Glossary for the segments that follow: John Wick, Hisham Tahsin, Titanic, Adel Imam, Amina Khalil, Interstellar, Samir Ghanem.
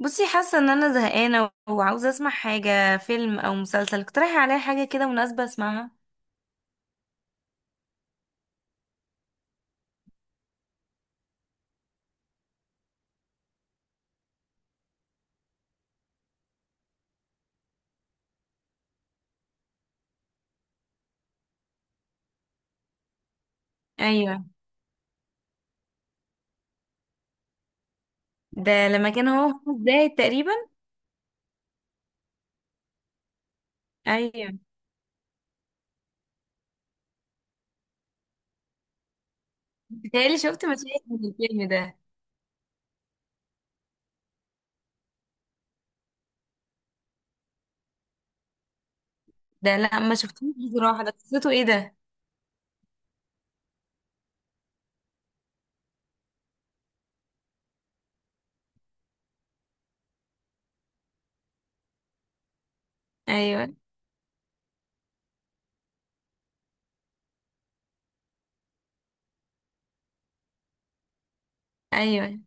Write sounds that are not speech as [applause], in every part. بصي، حاسه ان انا زهقانه وعاوزه اسمع حاجه، فيلم او مسلسل. اقترحي عليا حاجه كده مناسبه اسمعها. ايوه. ده لما كان هو 5 دقايق تقريبا. ايوه. بتهيألي شفت مشاهد من الفيلم ده. ده لا، ما شفتوش بصراحه، ده قصته ايه ده؟ ايوه. ايوه.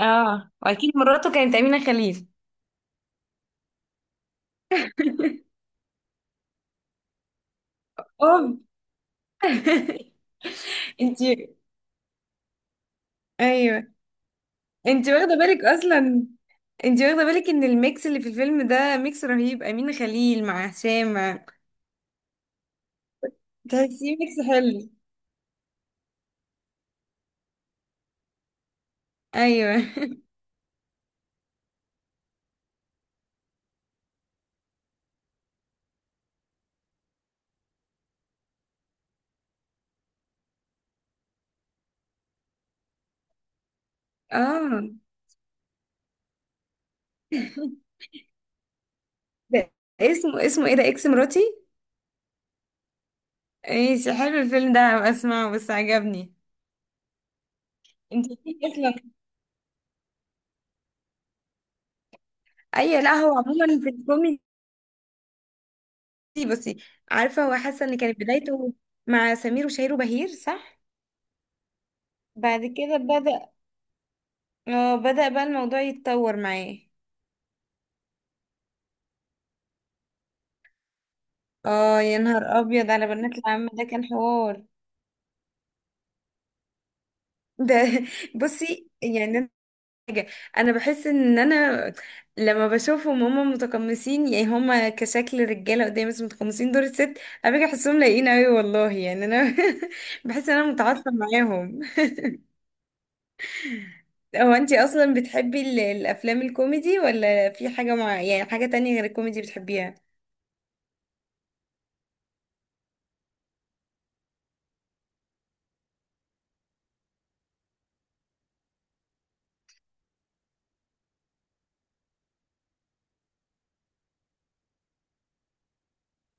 اه، واكيد مراته كانت امينه خليل. [laughs] اوه. [laughs] انتي. ايوه. انتي واخده بالك اصلا؟ انتي واخده بالك ان الميكس اللي في الفيلم ده ميكس رهيب، امينه خليل مع هشام؟ تحسيه ميكس حلو. ايوه. اه. [laughs] ده اسمه ايه ده؟ اكس مراتي. ماشي، حلو الفيلم ده، هبقى اسمعه، بس عجبني. انت ليه اصلا؟ اي لا، هو عموما في الكوميدي. بصي، عارفه هو حاسه ان كانت بدايته مع سمير وشهير وبهير، صح؟ بعد كده بدأ بقى الموضوع يتطور معاه. اه، يا نهار ابيض على بنات العم ده، كان حوار. ده. [laughs] بصي يعني، حاجة، انا بحس ان انا لما بشوفهم هما متقمصين، يعني هما كشكل رجالة قدامي بس متقمصين دور الست. انا باجي احسهم لايقين اوي والله، يعني انا [laughs] بحس ان انا متعاطفة معاهم. هو انتي اصلا بتحبي الافلام الكوميدي، ولا في حاجة، مع يعني حاجة تانية غير الكوميدي بتحبيها؟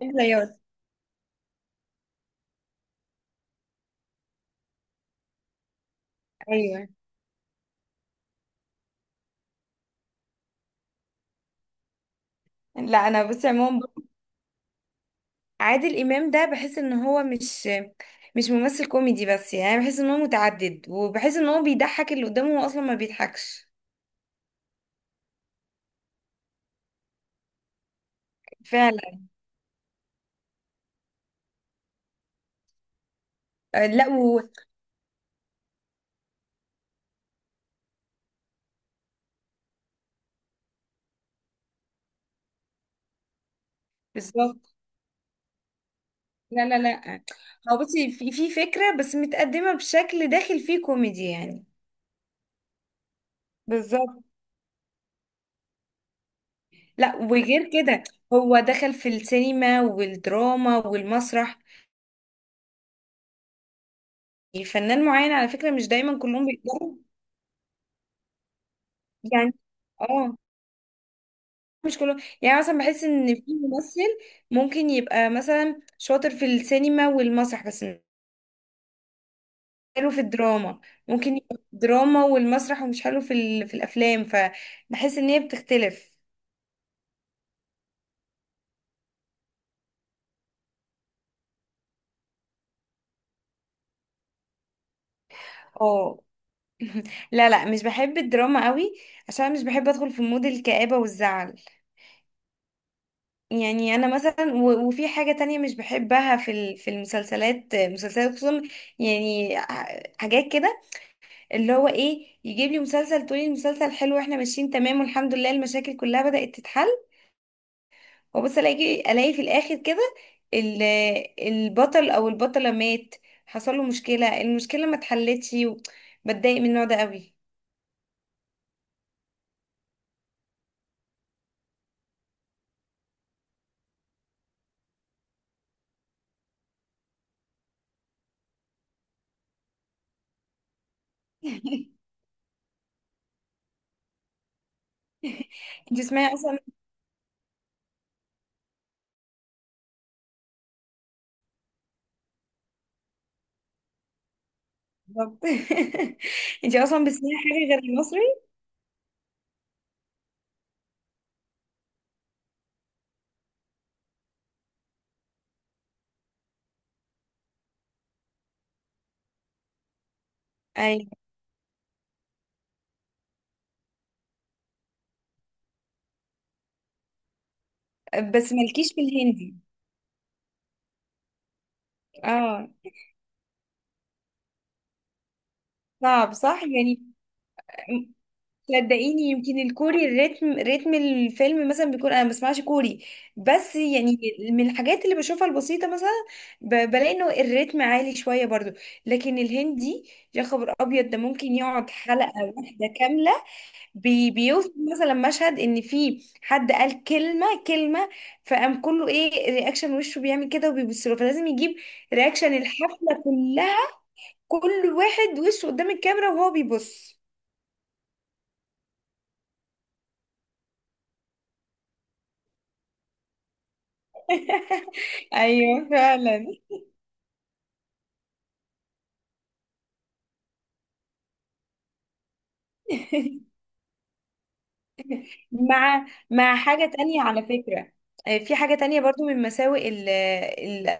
الرياض. ايوه. لا انا بصي عموما، عادل امام ده بحس ان هو مش ممثل كوميدي بس، يعني أنا بحس ان هو متعدد، وبحس ان هو بيضحك اللي قدامه هو اصلا ما بيضحكش. فعلا. لا. بالظبط. لا لا لا. هو بصي، في فكرة بس متقدمة بشكل، داخل فيه كوميدي يعني. بالظبط. لا وغير كده، هو دخل في السينما والدراما والمسرح. فنان معين على فكرة، مش دايما كلهم بيقدروا يعني. اه، مش كلهم يعني. مثلا بحس ان في ممثل ممكن يبقى مثلا شاطر في السينما والمسرح بس مش حلو في الدراما. ممكن يبقى في الدراما والمسرح ومش حلو في الافلام، فبحس ان هي بتختلف. اه. [laughs] لا لا، مش بحب الدراما قوي، عشان مش بحب ادخل في مود الكآبة والزعل. يعني انا مثلا، وفي حاجة تانية مش بحبها في مسلسلات خصوصا، يعني حاجات كده، اللي هو ايه، يجيب لي مسلسل تقولي المسلسل حلو واحنا ماشيين تمام والحمد لله، المشاكل كلها بدأت تتحل، وبس الاقي في الاخر كده ال- البطل او البطلة مات، حصل له مشكلة، المشكلة ما اتحلتش. بتضايق من النوع ده قوي. [laughs] انت تسمعي اصلا؟ بالظبط. [laughs] انت اصلا بتسمعي حاجه غير المصري؟ ايوه. بس مالكيش في الهندي. اه، صعب صح يعني. م- صدقيني، يمكن الكوري، ريتم الفيلم مثلا بيكون، انا ما بسمعش كوري بس يعني، من الحاجات اللي بشوفها البسيطه مثلا، بلاقي انه الريتم عالي شويه برضو. لكن الهندي، يا خبر ابيض، ده ممكن يقعد حلقه واحده كامله، بيوصف مثلا مشهد ان في حد قال كلمه كلمه، فقام كله ايه، رياكشن، وشه بيعمل كده وبيبص له، فلازم يجيب رياكشن الحفله كلها، كل واحد وشه قدام الكاميرا وهو بيبص. ايوه فعلا. [laughs] مع حاجه تانية على فكره. في حاجه تانية برضو من مساوئ.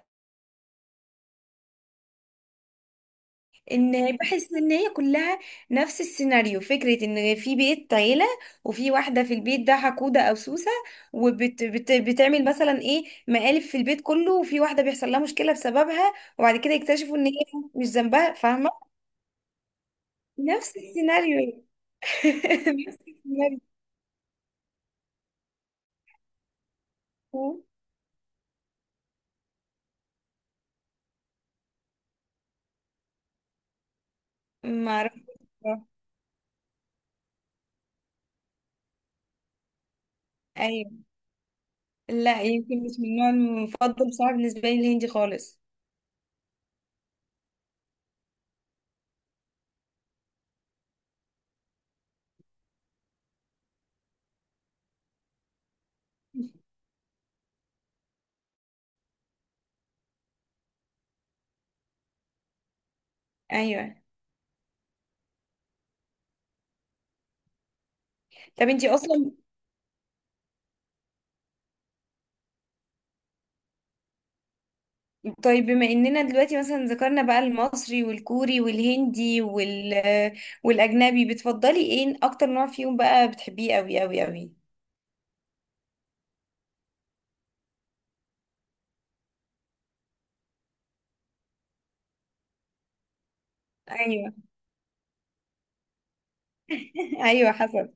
ان بحس ان هي كلها نفس السيناريو، فكرة ان في بيت عيلة، وفي واحدة في البيت ده حقودة او سوسة، وبتعمل مثلا ايه، مقالب في البيت كله، وفي واحدة بيحصل لها مشكلة بسببها، وبعد كده يكتشفوا ان هي مش ذنبها، فاهمة؟ نفس السيناريو. [laughs] نفس السيناريو. ما اعرف. ايوه. لا يمكن مش من النوع المفضل بصراحة بالنسبة لي الهندي خالص. ايوه. طب انتي اصلا. طيب بما اننا دلوقتي مثلا ذكرنا بقى المصري والكوري والهندي والاجنبي، بتفضلي ايه اكتر نوع فيهم بقى بتحبيه قوي قوي قوي؟ ايوه. [laughs] ايوه حسب.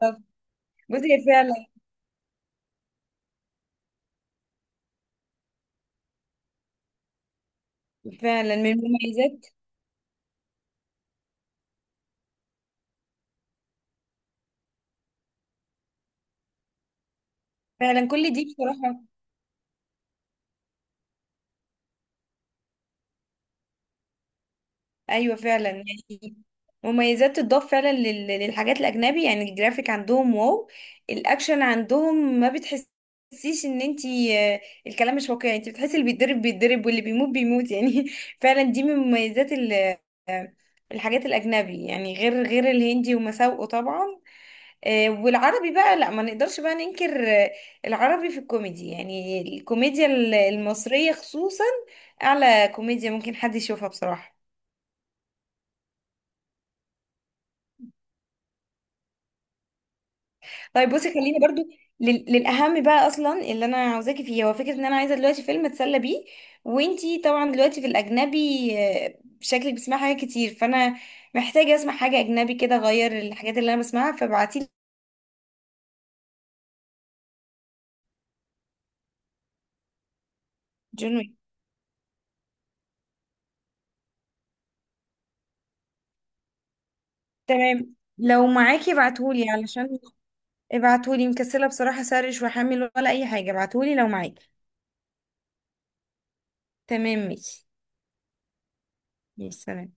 طب بصي هي فعلا. فعلا من المميزات. فعلا كل دي بصراحة. ايوه فعلا يعني، مميزات تضاف فعلا للحاجات الاجنبي. يعني الجرافيك عندهم واو، الاكشن عندهم ما بتحسيش ان انتي، الكلام مش واقعي. انتي بتحسي اللي بيتضرب بيتضرب، واللي بيموت بيموت يعني. [laughs] فعلا دي من مميزات آه، الحاجات الاجنبي، يعني غير الهندي ومساوئه طبعا. والعربي بقى لا، ما نقدرش بقى ننكر، العربي في الكوميدي، يعني الكوميديا المصرية خصوصا، اعلى كوميديا ممكن حد يشوفها بصراحة. طيب بصي خليني برضو للاهم بقى، اصلا اللي انا عاوزاكي فيه، هو فكره ان انا عايزه دلوقتي فيلم اتسلى بيه. وانتي طبعا دلوقتي في الاجنبي، شكلك بتسمعي حاجات كتير، فانا محتاجه اسمع حاجه اجنبي كده اغير الحاجات اللي انا بسمعها، فابعتيلي. جون ويك. تمام، لو معاكي ابعتهولي علشان. ابعتهولي، مكسله بصراحه، سرش واحمل ولا اي حاجه. ابعتهولي لو معاكي. تمام ماشي. ماشي سلام.